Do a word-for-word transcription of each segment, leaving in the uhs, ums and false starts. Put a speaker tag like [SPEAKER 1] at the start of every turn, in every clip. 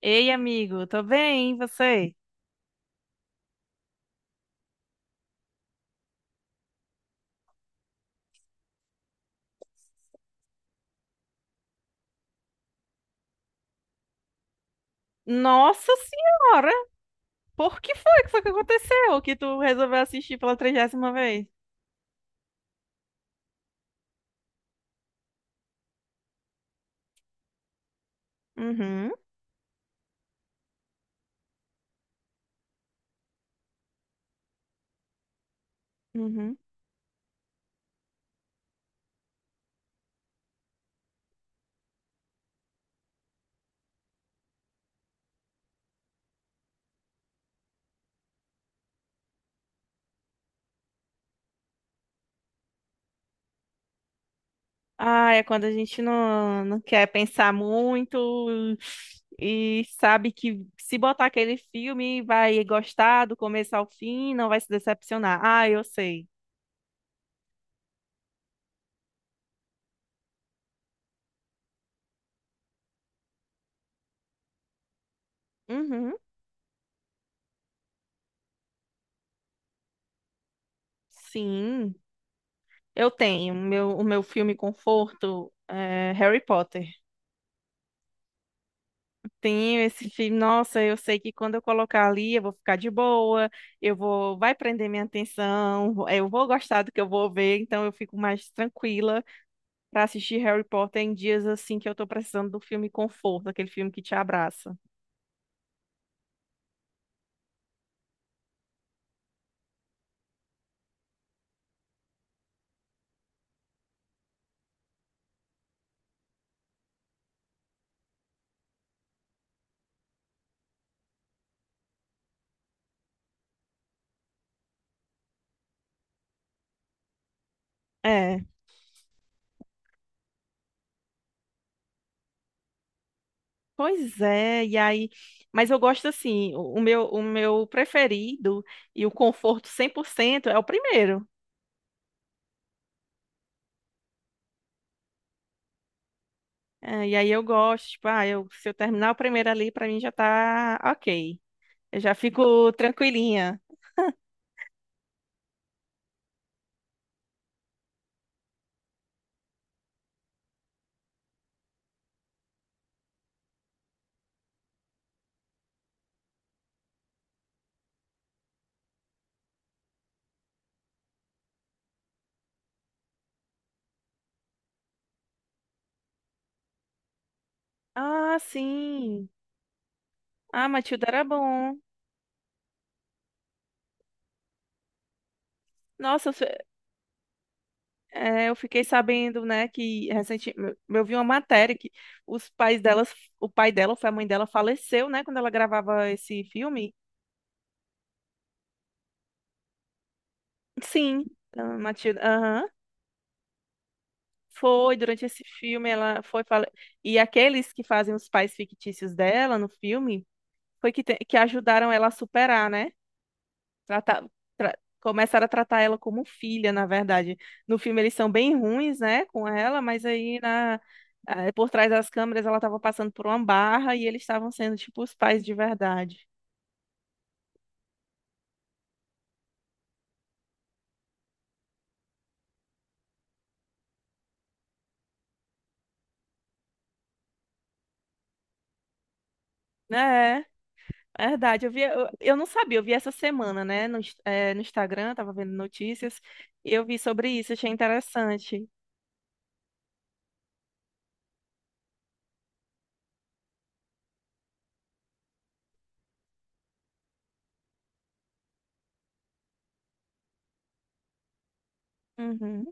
[SPEAKER 1] Ei, amigo, tô bem, e você? Nossa senhora, por que foi que foi que aconteceu que tu resolveu assistir pela trigésima vez? Uhum, uhum. Ah, é quando a gente não, não quer pensar muito e sabe que se botar aquele filme vai gostar do começo ao fim, não vai se decepcionar. Ah, eu sei. Uhum, sim, eu tenho. Meu, o meu filme conforto é Harry Potter. Tenho esse filme. Nossa, eu sei que quando eu colocar ali, eu vou ficar de boa, eu vou, vai prender minha atenção, eu vou gostar do que eu vou ver, então eu fico mais tranquila para assistir Harry Potter em dias assim que eu tô precisando do filme conforto, aquele filme que te abraça. É, pois é, e aí, mas eu gosto assim, o o meu, o meu preferido e o conforto cem por cento é o primeiro. É, e aí eu gosto, tipo, ah, eu, se eu terminar o primeiro ali, para mim já tá ok. Eu já fico tranquilinha. Ah, sim. Ah, Matilda era bom. Nossa, eu fe- é, eu fiquei sabendo, né, que recentemente eu vi uma matéria que os pais delas, o pai dela, ou foi a mãe dela, faleceu, né, quando ela gravava esse filme. Sim, a Matilda, aham. Foi durante esse filme, ela foi fale... e aqueles que fazem os pais fictícios dela no filme foi que, te- que ajudaram ela a superar, né? Trata- tra- Começaram a tratar ela como filha, na verdade. No filme eles são bem ruins, né, com ela, mas aí na, eh, por trás das câmeras ela estava passando por uma barra e eles estavam sendo tipo os pais de verdade. É, é verdade. Eu vi, eu, eu não sabia, eu vi essa semana, né, no, ins- eh, no Instagram, tava vendo notícias, e eu vi sobre isso, achei interessante. Uhum.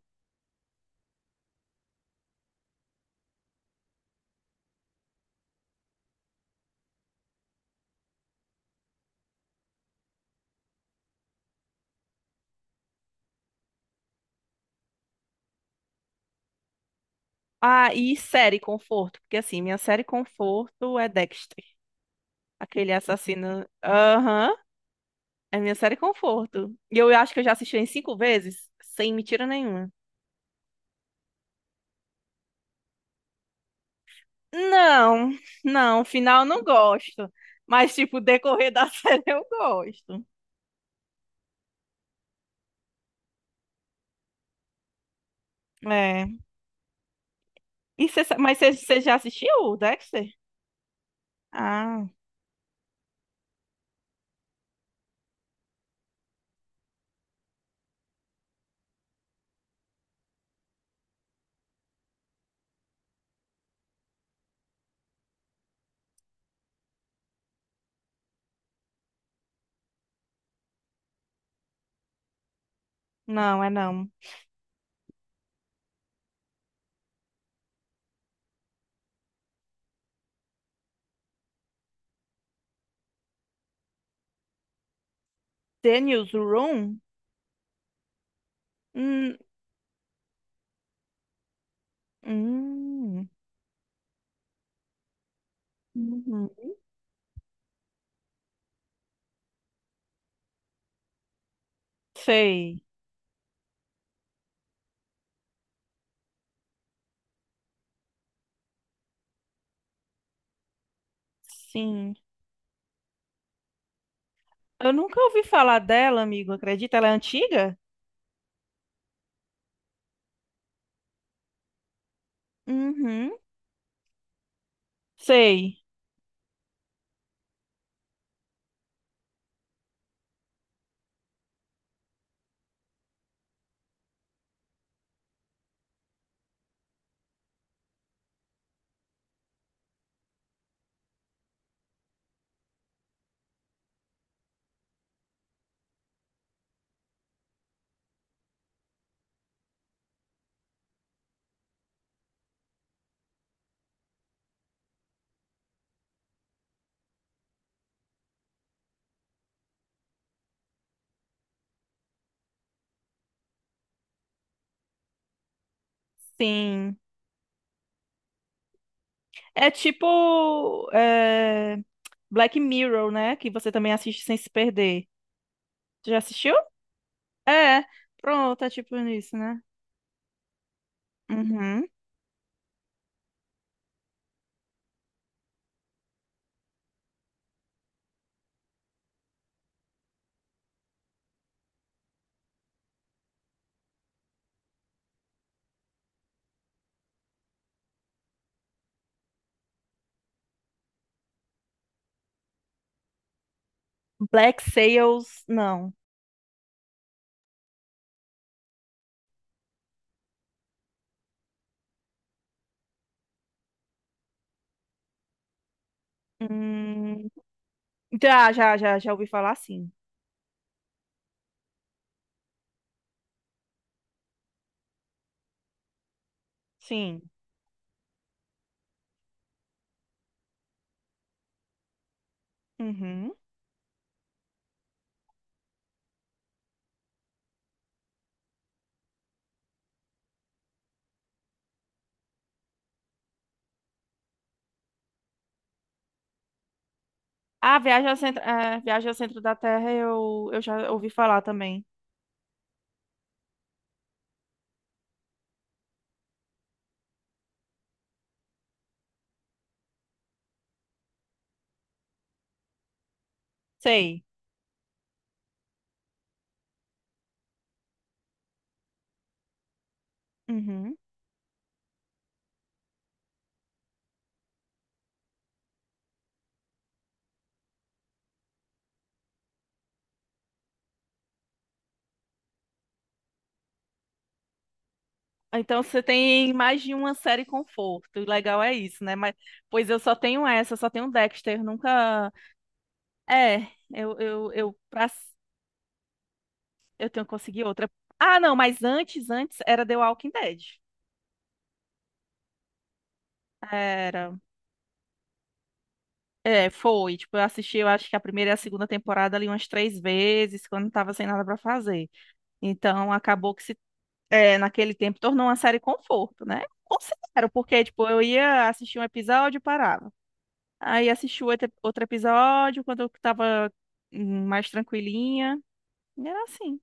[SPEAKER 1] Ah, e série conforto, porque assim, minha série conforto é Dexter, aquele assassino. Aham. É minha série conforto. E eu acho que eu já assisti em cinco vezes, sem mentira nenhuma. Não, não, final eu não gosto. Mas, tipo, o decorrer da série eu gosto. É. E cê sa- mas você já assistiu o Dexter? Ah, não, é não. The Newsroom? Hum, hum, uhum. Sei. Sim. Eu nunca ouvi falar dela, amigo. Acredita? Ela é antiga? Uhum. Sei. Sim. É tipo é, Black Mirror, né? Que você também assiste sem se perder. Tu já assistiu? É, pronto, é tipo isso, né? Uhum. Black Sails, não. Hum, já, já, já, já ouvi falar sim. Sim. Uhum. Ah, Viagem ao Centro, é, Viagem ao Centro da Terra eu, eu já ouvi falar também. Sei. Uhum. Então você tem mais de uma série conforto. O legal é isso, né? Mas, pois eu só tenho essa, eu só tenho Dexter, nunca. É, eu, eu, eu, pra, eu tenho que conseguir outra. Ah, não, mas antes, antes era The Walking Dead. Era. É, foi. Tipo, eu assisti, eu acho que a primeira e a segunda temporada ali umas três vezes, quando eu tava sem nada pra fazer. Então, acabou que se, é, naquele tempo tornou uma série conforto, né? Considero, porque, tipo, eu ia assistir um episódio e parava. Aí assisti o outro outro episódio quando eu tava hum, mais tranquilinha. E era assim.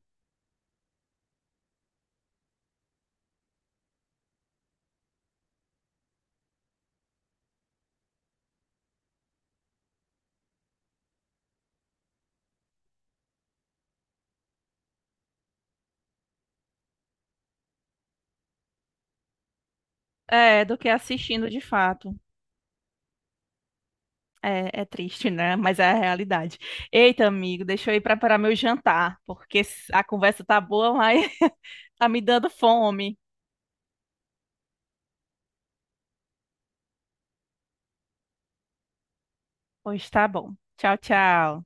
[SPEAKER 1] É, do que assistindo de fato. É, é triste, né? Mas é a realidade. Eita, amigo, deixa eu ir preparar meu jantar, porque a conversa tá boa, mas tá me dando fome. Pois tá bom. Tchau, tchau.